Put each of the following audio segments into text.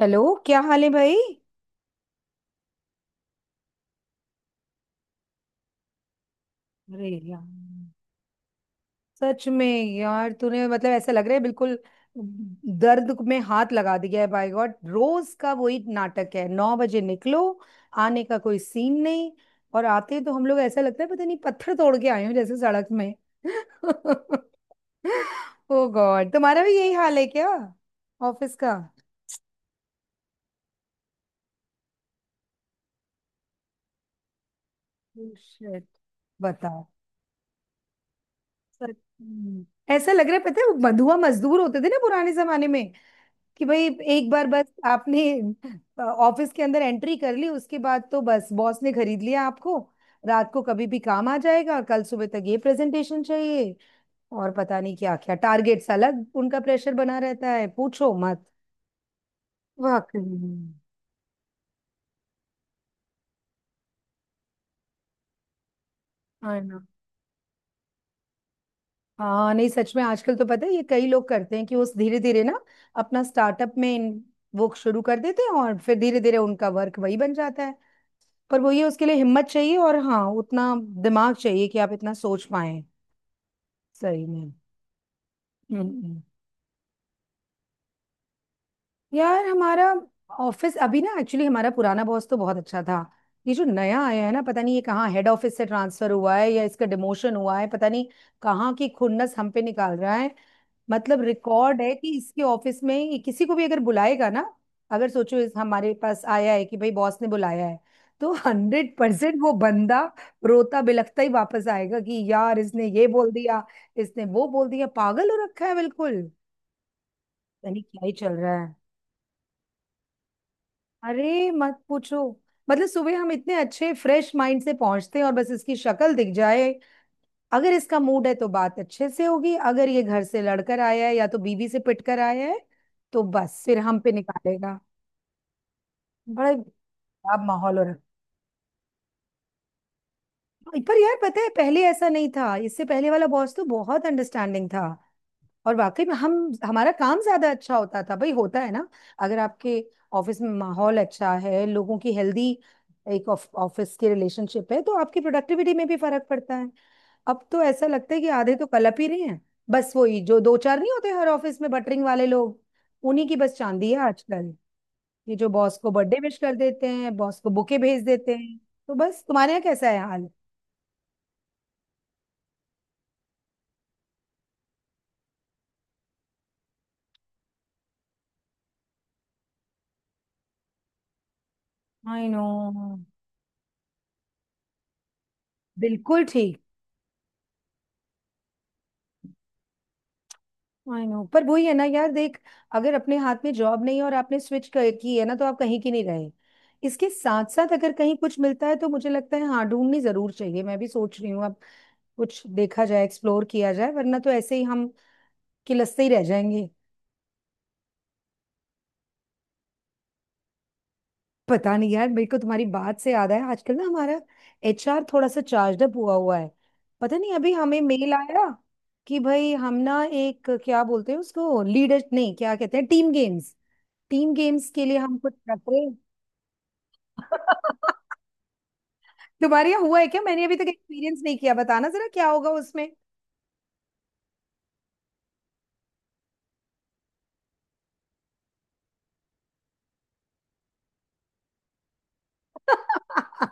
Hello, क्या हाल है भाई? अरे यार। सच में। यार तूने मतलब ऐसा लग रहा है बिल्कुल दर्द में हाथ लगा दिया है। बाय गॉड, रोज का वही नाटक है। 9 बजे निकलो, आने का कोई सीन नहीं। और आते तो हम लोग ऐसा लगता है पता नहीं पत्थर तोड़ के आए हो जैसे सड़क में। ओ गॉड, तुम्हारा भी यही हाल है क्या ऑफिस का? शिट। बताओ। सच में। ऐसा लग रहा है, पता है वो बंधुआ मजदूर होते थे ना पुराने जमाने में, कि भाई एक बार बस आपने ऑफिस के अंदर एंट्री कर ली, उसके बाद तो बस बॉस ने खरीद लिया आपको। रात को कभी भी काम आ जाएगा, कल सुबह तक ये प्रेजेंटेशन चाहिए। और पता नहीं क्या क्या टारगेट्स अलग, उनका प्रेशर बना रहता है, पूछो मत। वाकई में। है ना। हाँ नहीं, सच में आजकल तो पता है ये कई लोग करते हैं कि वो धीरे धीरे ना अपना स्टार्टअप में वो शुरू कर देते हैं और फिर धीरे धीरे उनका वर्क वही बन जाता है। पर वो ये, उसके लिए हिम्मत चाहिए और हाँ उतना दिमाग चाहिए कि आप इतना सोच पाए। सही में। हम्म हम्म। यार हमारा ऑफिस अभी ना, एक्चुअली हमारा पुराना बॉस तो बहुत अच्छा था। ये जो नया आया है ना, पता नहीं ये कहाँ हेड ऑफिस से ट्रांसफर हुआ है या इसका डिमोशन हुआ है, पता नहीं कहाँ की खुन्नस हम पे निकाल रहा है। मतलब रिकॉर्ड है कि इसके ऑफिस में ही किसी को भी अगर बुलाएगा ना, अगर सोचो इस हमारे पास आया है कि भाई बॉस ने बुलाया है, तो 100% वो बंदा रोता बिलखता ही वापस आएगा कि यार इसने ये बोल दिया, इसने वो बोल दिया। पागल हो रखा है बिल्कुल। यानी क्या ही चल रहा है। अरे मत पूछो। मतलब सुबह हम इतने अच्छे फ्रेश माइंड से पहुंचते हैं और बस इसकी शक्ल दिख जाए, अगर इसका मूड है तो बात अच्छे से होगी, अगर ये घर से लड़कर आया है या तो बीवी से पिट कर आया है तो बस फिर हम पे निकालेगा। बड़ा खराब माहौल हो रहा है। पर यार पता है पहले ऐसा नहीं था, इससे पहले वाला बॉस तो बहुत अंडरस्टैंडिंग था और वाकई में हम, हमारा काम ज्यादा अच्छा होता था। भाई होता है ना, अगर आपके ऑफिस में माहौल अच्छा है, लोगों की हेल्दी एक ऑफिस की रिलेशनशिप है, तो आपकी प्रोडक्टिविटी में भी फर्क पड़ता है। अब तो ऐसा लगता है कि आधे तो कलप ही रहे हैं। बस वही जो दो चार नहीं होते हर ऑफिस में, बटरिंग वाले लोग, उन्हीं की बस चांदी है आजकल। ये जो बॉस को बर्थडे विश कर देते हैं, बॉस को बुके भेज देते हैं। तो बस तुम्हारे यहाँ कैसा है हाल? I know. बिल्कुल ठीक। आई नो, पर वही है ना यार, देख अगर अपने हाथ में जॉब नहीं है और आपने स्विच कर की है ना तो आप कहीं की नहीं रहे। इसके साथ साथ अगर कहीं कुछ मिलता है तो मुझे लगता है हाँ, ढूंढनी जरूर चाहिए। मैं भी सोच रही हूँ अब, कुछ देखा जाए, एक्सप्लोर किया जाए, वरना तो ऐसे ही हम किलसते ही रह जाएंगे। पता नहीं यार, मेरे को तुम्हारी बात से याद आया, आजकल ना हमारा एचआर थोड़ा सा चार्ज अप हुआ हुआ है। पता नहीं, अभी हमें मेल आया कि भाई हम ना एक क्या बोलते हैं उसको, लीडर नहीं क्या कहते हैं, टीम गेम्स, टीम गेम्स के लिए हम कुछ रख रहे हैं। तुम्हारे यहाँ हुआ है क्या? मैंने अभी तक एक्सपीरियंस नहीं किया, बताना जरा क्या होगा उसमें।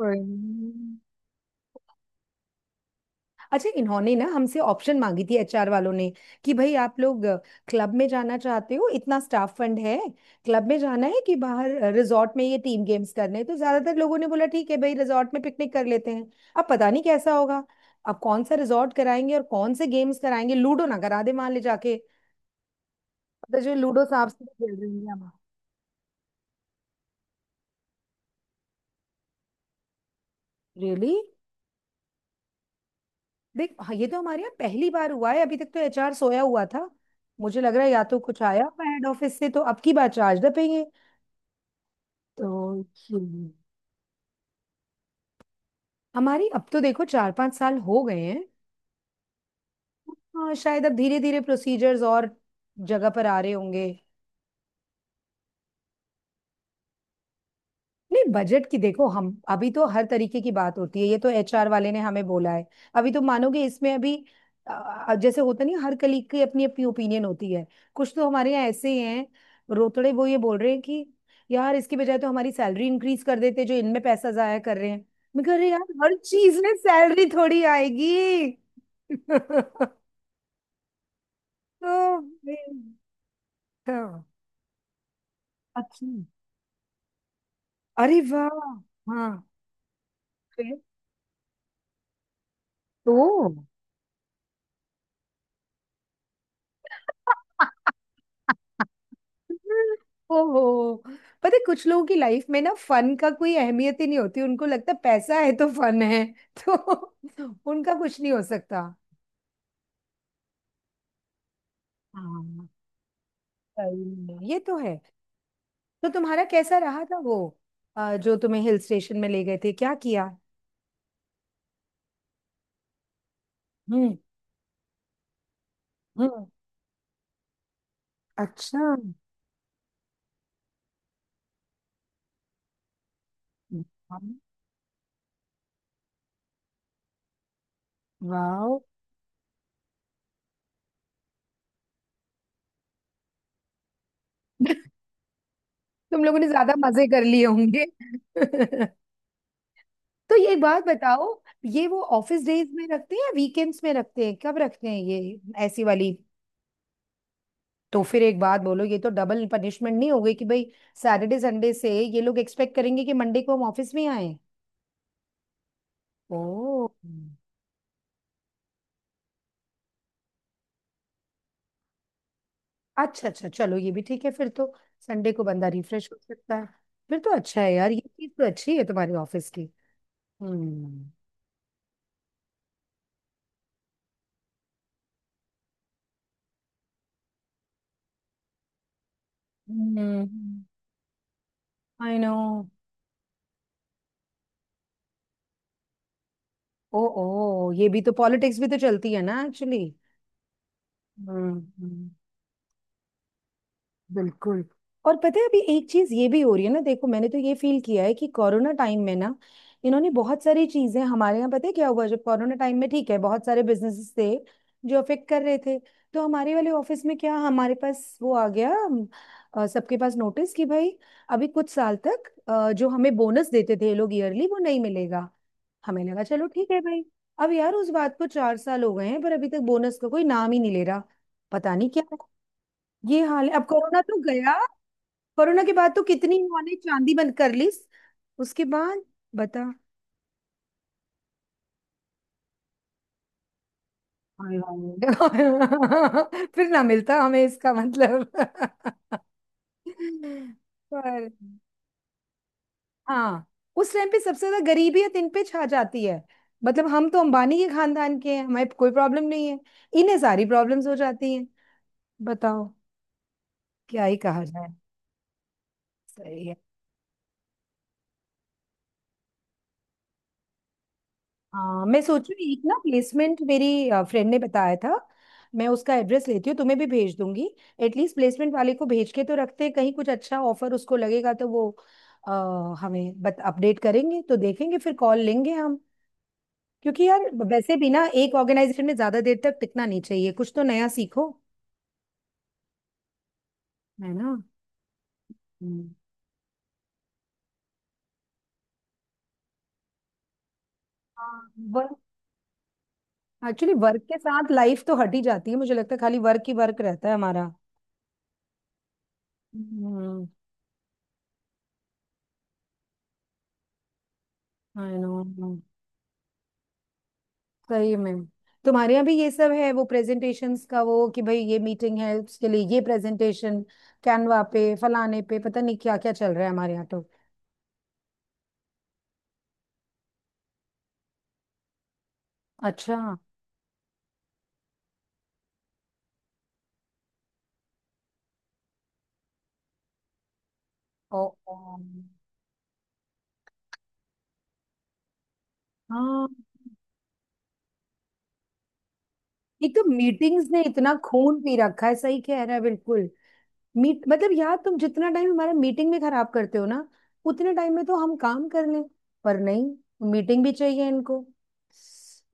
हम्म। अच्छा, इन्होंने ना हमसे ऑप्शन मांगी थी एचआर वालों ने कि भाई आप लोग क्लब में जाना चाहते हो, इतना स्टाफ फंड है, क्लब में जाना है कि बाहर रिजॉर्ट में ये टीम गेम्स करने हैं। तो ज्यादातर लोगों ने बोला ठीक है भाई रिजॉर्ट में पिकनिक कर लेते हैं। अब पता नहीं कैसा होगा, अब कौन सा रिजॉर्ट कराएंगे और कौन से गेम्स कराएंगे, लूडो ना करा दे मान ले जाके, तो जो लूडो सांप सीढ़ी खेल रही हैं हम। रियली? देख हाँ, ये तो हमारे यहाँ पहली बार हुआ है, अभी तक तो एचआर सोया हुआ था। मुझे लग रहा है या तो कुछ आया हुआ हेड ऑफिस से, तो अब की बार चार्ज द पेंगे। तो हम्म, हमारी, अब तो देखो 4-5 साल हो गए हैं। हाँ शायद अब धीरे धीरे प्रोसीजर्स और जगह पर आ रहे होंगे। नहीं बजट की, देखो हम अभी तो हर तरीके की बात होती है, ये तो एचआर वाले ने हमें बोला है। अभी तो मानोगे इसमें, अभी जैसे होता नहीं है, हर कलीग की अपनी अपनी ओपिनियन होती है। कुछ तो हमारे यहाँ ऐसे ही हैं, रोतड़े वो ये बोल रहे हैं कि यार इसकी बजाय तो हमारी सैलरी इंक्रीज कर देते, जो इनमें पैसा जाया कर रहे हैं। मैं कह रही यार, हर चीज में सैलरी थोड़ी आएगी। तो फिर- हाँ। अच्छा। अरे वाह। हाँ। फिर तो। ओहो। पता है कुछ लोगों की लाइफ में ना फन का कोई अहमियत ही नहीं होती, उनको लगता है पैसा है तो फन है। तो उनका कुछ नहीं हो सकता। हाँ। सही में ये तो है। तो तुम्हारा कैसा रहा था वो जो तुम्हें हिल स्टेशन में ले गए थे, क्या किया? हम्म। हम्म। अच्छा। वाह। तुम लोगों ने ज्यादा मजे कर लिए होंगे। तो ये बात बताओ, ये वो ऑफिस डेज में रखते हैं या वीकेंड्स में रखते हैं, कब रखते हैं ये ऐसी वाली? तो फिर एक बात बोलो, ये तो डबल पनिशमेंट नहीं हो गई कि भाई सैटरडे संडे से ये लोग एक्सपेक्ट करेंगे कि मंडे को हम ऑफिस में आए? ओ। अच्छा अच्छा, चलो ये भी ठीक है फिर तो, संडे को बंदा रिफ्रेश हो सकता है। फिर तो अच्छा है यार, ये चीज तो अच्छी है तुम्हारी ऑफिस की। हम्म। हम्म। I know. ओ, ओ, ये भी तो, पॉलिटिक्स भी तो चलती है ना एक्चुअली। हम्म। बिल्कुल। और पता है अभी एक चीज ये भी हो रही है ना, देखो मैंने तो ये फील किया है कि कोरोना टाइम में ना इन्होंने बहुत सारी चीजें हमारे यहाँ, पता है क्या हुआ जब कोरोना टाइम में, ठीक है बहुत सारे बिजनेसेस थे जो अफेक्ट कर रहे थे, तो हमारे वाले ऑफिस में क्या, हमारे पास वो आ गया, सबके पास नोटिस कि भाई अभी कुछ साल तक जो हमें बोनस देते थे ये लोग ईयरली, वो नहीं मिलेगा। हमें लगा चलो ठीक है भाई। अब यार उस बात को 4 साल हो गए हैं पर अभी तक बोनस का कोई नाम ही नहीं ले रहा। पता नहीं क्या ये हाल है। अब कोरोना तो गया, कोरोना के बाद तो कितनी इन्होंने चांदी बंद कर ली। उसके बाद, बता। हाय हाय। फिर ना मिलता हमें, इसका मतलब। पर हाँ, उस टाइम पे सबसे ज्यादा गरीबियत इन पे छा जाती है। मतलब हम तो अंबानी के खानदान के हैं, हमें कोई प्रॉब्लम नहीं है, इन्हें सारी प्रॉब्लम्स हो जाती हैं। बताओ। क्या ही कहा जाए। सही है। हाँ, मैं सोचू एक ना, प्लेसमेंट मेरी फ्रेंड ने बताया था, मैं उसका एड्रेस लेती हूँ, तुम्हें भी भेज दूंगी। एटलीस्ट प्लेसमेंट वाले को भेज के तो रखते हैं, कहीं कुछ अच्छा ऑफर उसको लगेगा तो वो अ, हमें बत अपडेट करेंगे, तो देखेंगे फिर, कॉल लेंगे हम। क्योंकि यार, वैसे भी ना एक ऑर्गेनाइजेशन में ज्यादा देर तक टिकना नहीं चाहिए, कुछ तो नया सीखो। है ना। हम्म। हाँ। वर्क, एक्चुअली वर्क के साथ लाइफ तो हट ही जाती है, मुझे लगता है खाली वर्क ही वर्क रहता है हमारा। हम्म। I no. सही में। तुम्हारे यहाँ भी ये सब है, वो प्रेजेंटेशंस का, वो कि भाई ये मीटिंग है उसके लिए ये प्रेजेंटेशन, कैनवा पे फलाने पे, पता नहीं क्या क्या चल रहा है हमारे यहाँ तो। अच्छा। ओ, ओ। हाँ। एक तो मीटिंग्स ने इतना खून पी रखा है, सही कह रहा है बिल्कुल। मीट मतलब यार तुम जितना टाइम हमारा मीटिंग में खराब करते हो ना, उतने टाइम में तो हम काम कर लें। पर नहीं, मीटिंग भी चाहिए इनको।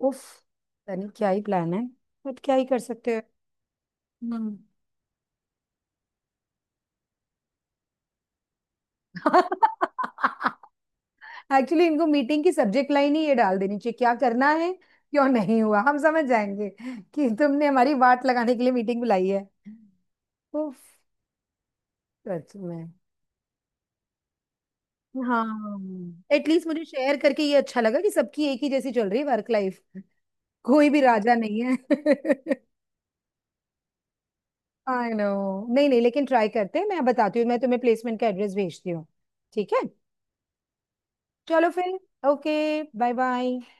उफ, पता नहीं क्या ही प्लान है। बट क्या ही कर सकते हैं। एक्चुअली इनको मीटिंग की सब्जेक्ट लाइन ही ये डाल देनी चाहिए, क्या करना है, क्यों नहीं हुआ, हम समझ जाएंगे कि तुमने हमारी वाट लगाने के लिए मीटिंग बुलाई है। उफ। सच में। हाँ। एटलीस्ट मुझे शेयर करके ये अच्छा लगा कि सबकी एक ही जैसी चल रही है वर्क लाइफ, कोई भी राजा नहीं है। I know. नहीं नहीं, लेकिन ट्राई करते हैं, मैं बताती हूँ, मैं तुम्हें प्लेसमेंट का एड्रेस भेजती हूँ। ठीक है, चलो फिर। Okay, bye bye.